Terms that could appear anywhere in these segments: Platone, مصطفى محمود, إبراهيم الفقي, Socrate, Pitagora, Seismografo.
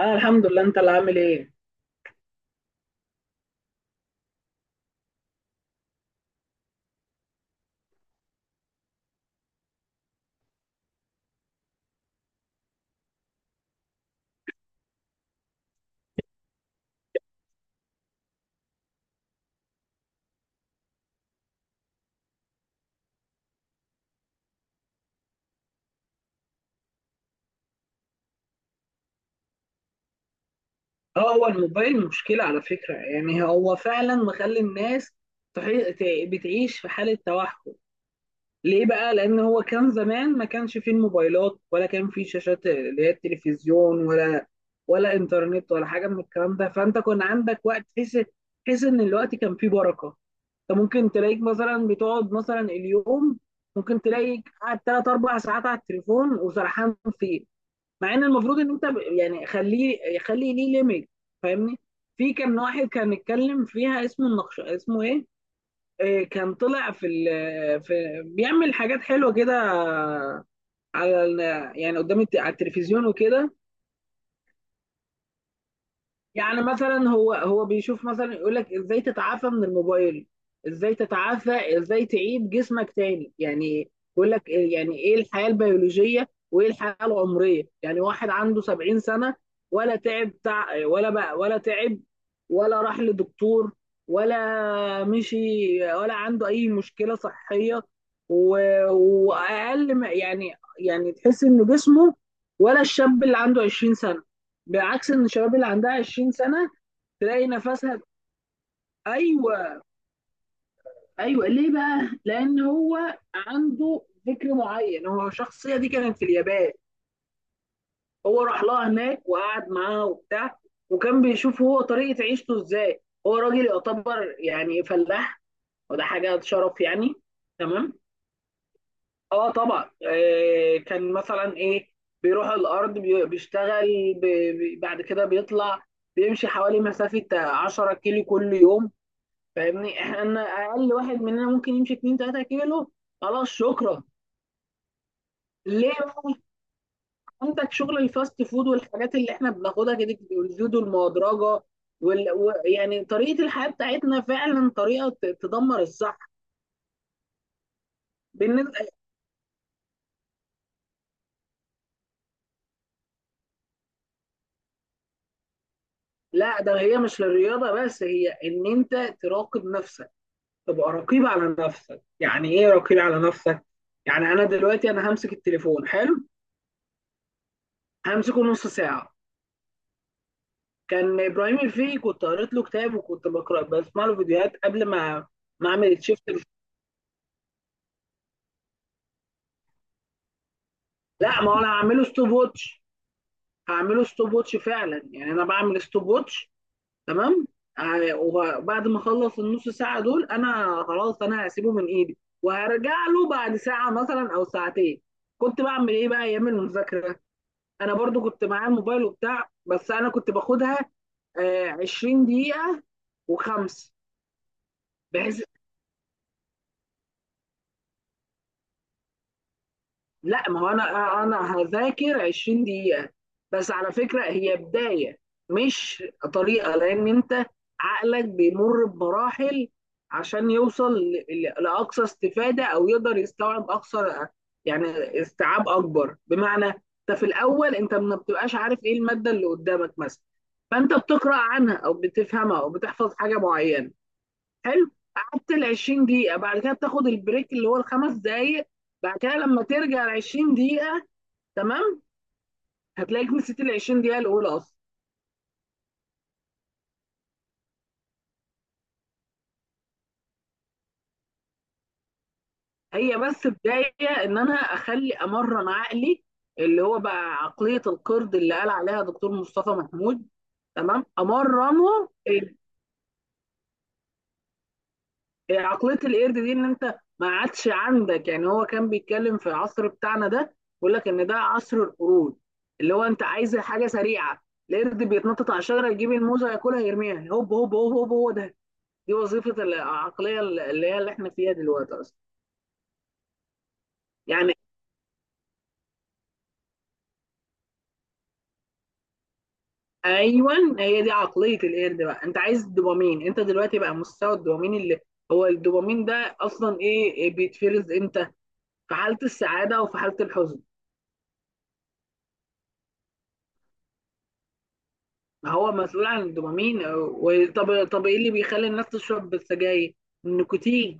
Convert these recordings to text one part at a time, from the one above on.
انا الحمد لله، انت اللي عامل ايه؟ اه، هو الموبايل مشكله على فكره، يعني هو فعلا مخلي الناس بتعيش في حاله توحد. ليه بقى؟ لان هو كان زمان ما كانش فيه الموبايلات، ولا كان فيه شاشات اللي هي التلفزيون ولا انترنت، ولا حاجه من الكلام ده، فانت كان عندك وقت تحس ان الوقت كان فيه بركه. انت ممكن تلاقيك مثلا بتقعد مثلا اليوم، ممكن تلاقيك قاعد 3 4 ساعات على التليفون وسرحان فيه، مع ان المفروض ان انت يعني خلي ليه ليميت. فاهمني؟ في كان واحد كان اتكلم فيها، اسمه النقش، اسمه ايه، كان طلع في في بيعمل حاجات حلوه كده، على يعني على التلفزيون وكده. يعني مثلا هو بيشوف مثلا، يقول لك ازاي تتعافى من الموبايل، ازاي تعيد جسمك تاني. يعني بيقول لك يعني ايه الحياة البيولوجية وايه الحياة العمرية. يعني واحد عنده 70 سنة، ولا تعب ولا بقى، ولا تعب، ولا راح لدكتور، ولا مشي، ولا عنده اي مشكلة صحية، و... واقل ما يعني، يعني تحس ان جسمه، ولا الشاب اللي عنده 20 سنة. بعكس ان الشباب اللي عندها 20 سنه تلاقي نفسها. ايوه، ايوه. ليه بقى؟ لان هو عنده فكر معين. هو الشخصيه دي كانت في اليابان، هو راح لها هناك وقعد معاها وبتاع، وكان بيشوف هو طريقه عيشته ازاي. هو راجل يعتبر يعني فلاح، وده حاجه شرف يعني. تمام. اه طبعا، كان مثلا ايه، بيروح الارض بيشتغل، بعد كده بيطلع بيمشي حوالي مسافه 10 كيلو كل يوم. فاهمني؟ احنا اقل واحد مننا ممكن يمشي 2 3 كيلو خلاص، شكرا. ليه بقى؟ عندك شغل الفاست فود، والحاجات اللي احنا بناخدها كده، والزيوت المهدرجه، يعني طريقه الحياه بتاعتنا فعلا طريقه تدمر الصحه. بالنسبه، لا، ده هي مش للرياضه بس، هي ان انت تراقب نفسك، تبقى رقيب على نفسك. يعني ايه رقيب على نفسك؟ يعني انا دلوقتي انا همسك التليفون، حلو، همسكه نص ساعه. كان ابراهيم الفقي كنت قريت له كتاب، وكنت بقرا بسمع له فيديوهات قبل ما اعمل الشيفت. لا، ما هو انا هعمله ستوب ووتش فعلا، يعني انا بعمل ستوب ووتش. تمام. وبعد ما اخلص النص ساعه دول انا خلاص، انا هسيبه من ايدي وهرجع له بعد ساعه مثلا او ساعتين. كنت بعمل ايه بقى ايام المذاكره؟ انا برضو كنت معايا الموبايل وبتاع، بس انا كنت باخدها 20 دقيقه وخمس. بحيث، لا ما هو انا هذاكر 20 دقيقة. بس على فكرة هي بداية، مش طريقة، لان انت عقلك بيمر بمراحل عشان يوصل لأقصى استفادة، او يقدر يستوعب اقصى يعني استيعاب اكبر. بمعنى انت في الاول انت ما بتبقاش عارف ايه المادة اللي قدامك مثلا، فانت بتقرأ عنها او بتفهمها او بتحفظ حاجة معينة. حلو، قعدت ال 20 دقيقة، بعد كده بتاخد البريك اللي هو ال 5 دقايق، بعد كده لما ترجع ال 20 دقيقة، تمام، هتلاقيك نسيت ال 20 دقيقة الأولى أصلا. هي بس بداية إن أنا أخلي أمرن عقلي، اللي هو بقى عقلية القرد اللي قال عليها دكتور مصطفى محمود. تمام، أمرنه. إيه عقليه القرد دي؟ ان انت ما عادش عندك، يعني هو كان بيتكلم في العصر بتاعنا ده، بيقول لك ان ده عصر القرود، اللي هو انت عايز حاجه سريعه. القرد بيتنطط على الشجره، يجيب الموزه ياكلها يرميها، هوب هوب هوب هوب، هو ده. دي وظيفه العقليه اللي هي اللي احنا فيها دلوقتي اصلا. يعني. ايوه. هي دي عقليه القرد بقى، انت عايز الدوبامين. انت دلوقتي بقى مستوى الدوبامين اللي هو الدوبامين ده اصلا إيه بيتفرز امتى؟ في حاله السعاده وفي حاله الحزن. ما هو مسؤول عن الدوبامين، طب ايه اللي بيخلي الناس تشرب السجاير؟ النيكوتين.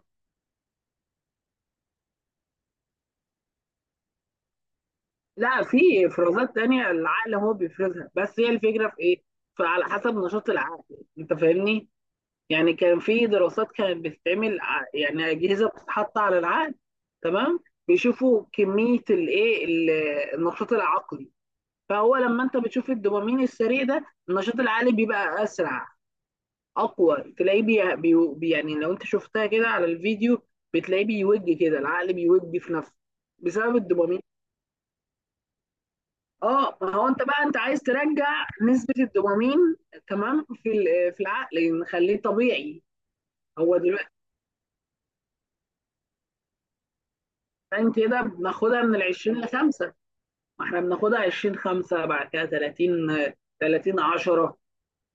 لا، في افرازات تانية العقل هو بيفرزها، بس هي الفكرة في ايه؟ فعلى حسب نشاط العقل، انت فاهمني. يعني كان في دراسات كانت بتتعمل يعني أجهزة بتتحط على العقل، تمام، بيشوفوا كمية النشاط العقلي. فهو لما انت بتشوف الدوبامين السريع ده، النشاط العقلي بيبقى اسرع، اقوى. تلاقيه يعني لو انت شفتها كده على الفيديو، بتلاقيه بيوج كده، العقل بيوج في نفسه بسبب الدوبامين. اه، ما هو انت بقى انت عايز ترجع نسبة الدوبامين، تمام، في العقل، نخليه طبيعي. هو دلوقتي كان كده بناخدها من ال 20 ل 5. ما احنا بناخدها 20 5، بعد كده 30 30 10،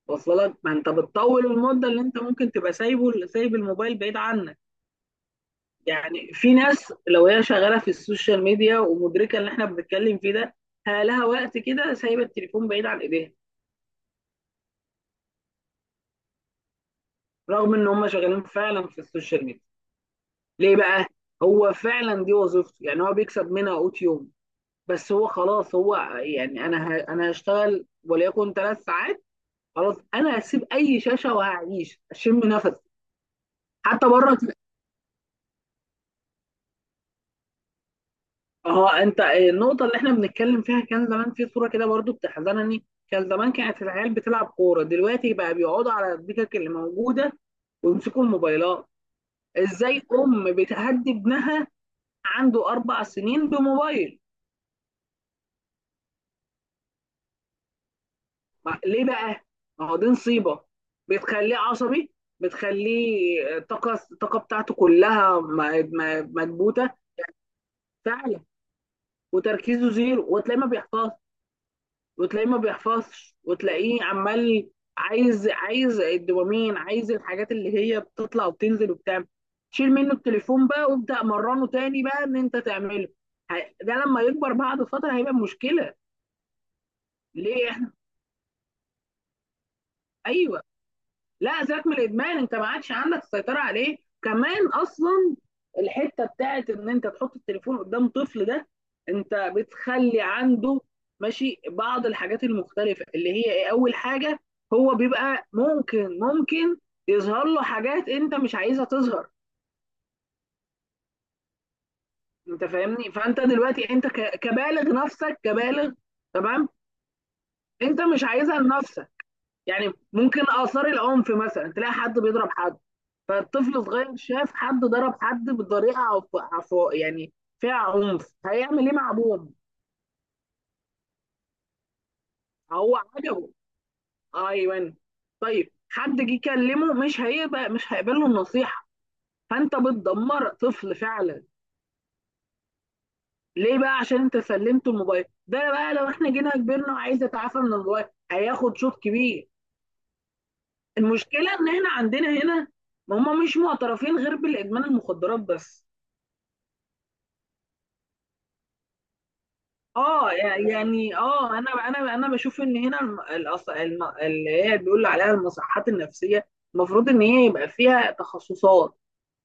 واصله لك؟ ما انت بتطول المدة اللي انت ممكن تبقى سايب الموبايل بعيد عنك. يعني في ناس لو هي شغاله في السوشيال ميديا ومدركه اللي احنا بنتكلم فيه ده، لها وقت كده سايبه التليفون بعيد عن ايديها، رغم ان هم شغالين فعلا في السوشيال ميديا. ليه بقى؟ هو فعلا دي وظيفته، يعني هو بيكسب منها قوت يوم، بس هو خلاص، هو يعني انا انا هشتغل وليكن 3 ساعات، خلاص انا هسيب اي شاشه وهعيش اشم نفسي، حتى بره. اه، انت النقطة اللي احنا بنتكلم فيها، كان زمان في صورة كده برضو بتحزنني. كان زمان كانت العيال بتلعب كورة، دلوقتي بقى بيقعدوا على الدكك اللي موجودة ويمسكوا الموبايلات. ازاي ام بتهدي ابنها عنده 4 سنين بموبايل؟ ليه بقى؟ ما هو دي نصيبة، بتخليه عصبي، بتخليه الطاقة بتاعته كلها مكبوتة. فعلا، وتركيزه زيرو، وتلاقيه ما بيحفظش، وتلاقيه عمال عايز الدوبامين، عايز الحاجات اللي هي بتطلع وبتنزل وبتاع. شيل منه التليفون بقى، وابدأ مرنه تاني بقى ان انت تعمله. ده لما يكبر بعد فترة هيبقى مشكلة. ليه؟ احنا، ايوه، لا، سيبك من الادمان، انت ما عادش عندك السيطره عليه كمان اصلا. الحته بتاعت ان انت تحط التليفون قدام طفل ده، انت بتخلي عنده ماشي بعض الحاجات المختلفه اللي هي ايه؟ اول حاجه، هو بيبقى ممكن يظهر له حاجات انت مش عايزها تظهر. انت فاهمني؟ فانت دلوقتي انت كبالغ، نفسك كبالغ، تمام، انت مش عايزها لنفسك. يعني ممكن آثار العنف مثلا، تلاقي حد بيضرب حد، فالطفل صغير شاف حد ضرب حد بطريقة يعني فيها عنف، هيعمل ايه مع ابوه؟ هو عجبه. ايوه. طيب حد جه يكلمه، مش هيقبل له النصيحة. فانت بتدمر طفل فعلا. ليه بقى؟ عشان انت سلمته الموبايل ده بقى. لو احنا جينا كبرنا عايز يتعافى من الموبايل، هياخد شوط كبير. المشكلة ان احنا عندنا هنا هم مش معترفين غير بالادمان المخدرات بس. اه يعني انا بشوف ان هنا اللي هي بيقولوا عليها المصحات النفسيه، المفروض ان هي يبقى فيها تخصصات.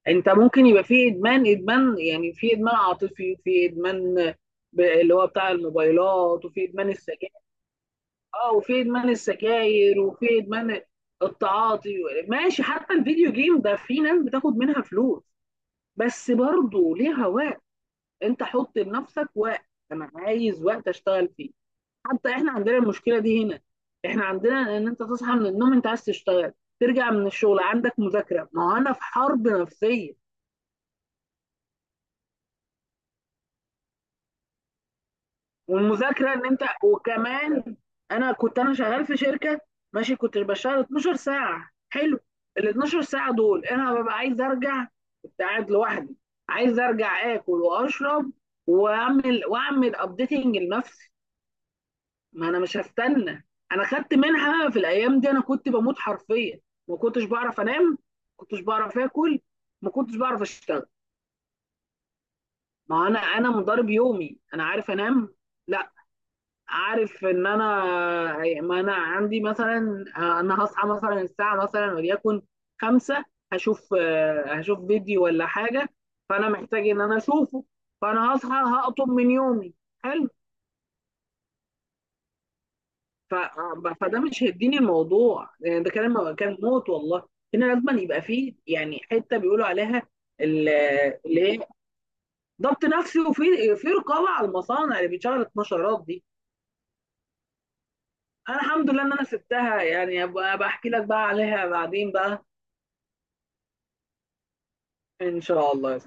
انت ممكن يبقى في ادمان، يعني في ادمان عاطفي، في ادمان اللي هو بتاع الموبايلات، وفي ادمان السجاير. اه وفي ادمان السجاير، وفي ادمان التعاطي. ماشي، حتى الفيديو جيم ده في ناس بتاخد منها فلوس، بس برضه ليها وقت. انت حط لنفسك وقت. انا عايز وقت اشتغل فيه. حتى احنا عندنا المشكله دي هنا. احنا عندنا ان انت تصحى من النوم، انت عايز تشتغل، ترجع من الشغل عندك مذاكره، ما هو انا في حرب نفسيه، والمذاكره ان انت، وكمان انا كنت انا شغال في شركه، ماشي، كنت بشتغل 12 ساعه حلو، ال 12 ساعه دول انا ببقى عايز ارجع، كنت قاعد لوحدي، عايز ارجع اكل واشرب، واعمل ابديتنج لنفسي. ما انا مش هستنى. انا خدت منحه في الايام دي، انا كنت بموت حرفيا. ما كنتش بعرف انام، ما كنتش بعرف اكل، ما كنتش بعرف اشتغل. ما انا مضارب يومي، انا عارف انام؟ لا، عارف ان انا، ما انا عندي مثلا، انا هصحى مثلا الساعه مثلا وليكن خمسة، هشوف، هشوف فيديو ولا حاجه، فانا محتاج ان انا اشوفه، فانا هصحى هقطم من يومي. حلو. ف... فده مش هيديني الموضوع، يعني ده كلام كان موت والله. هنا لازم يبقى فيه يعني حته بيقولوا عليها ال- اللي هي ضبط نفسي، وفي رقابه على المصانع اللي بتشغل النشرات دي. انا الحمد لله ان انا سبتها، يعني أبقى بحكي لك بقى عليها بعدين بقى. ان شاء الله.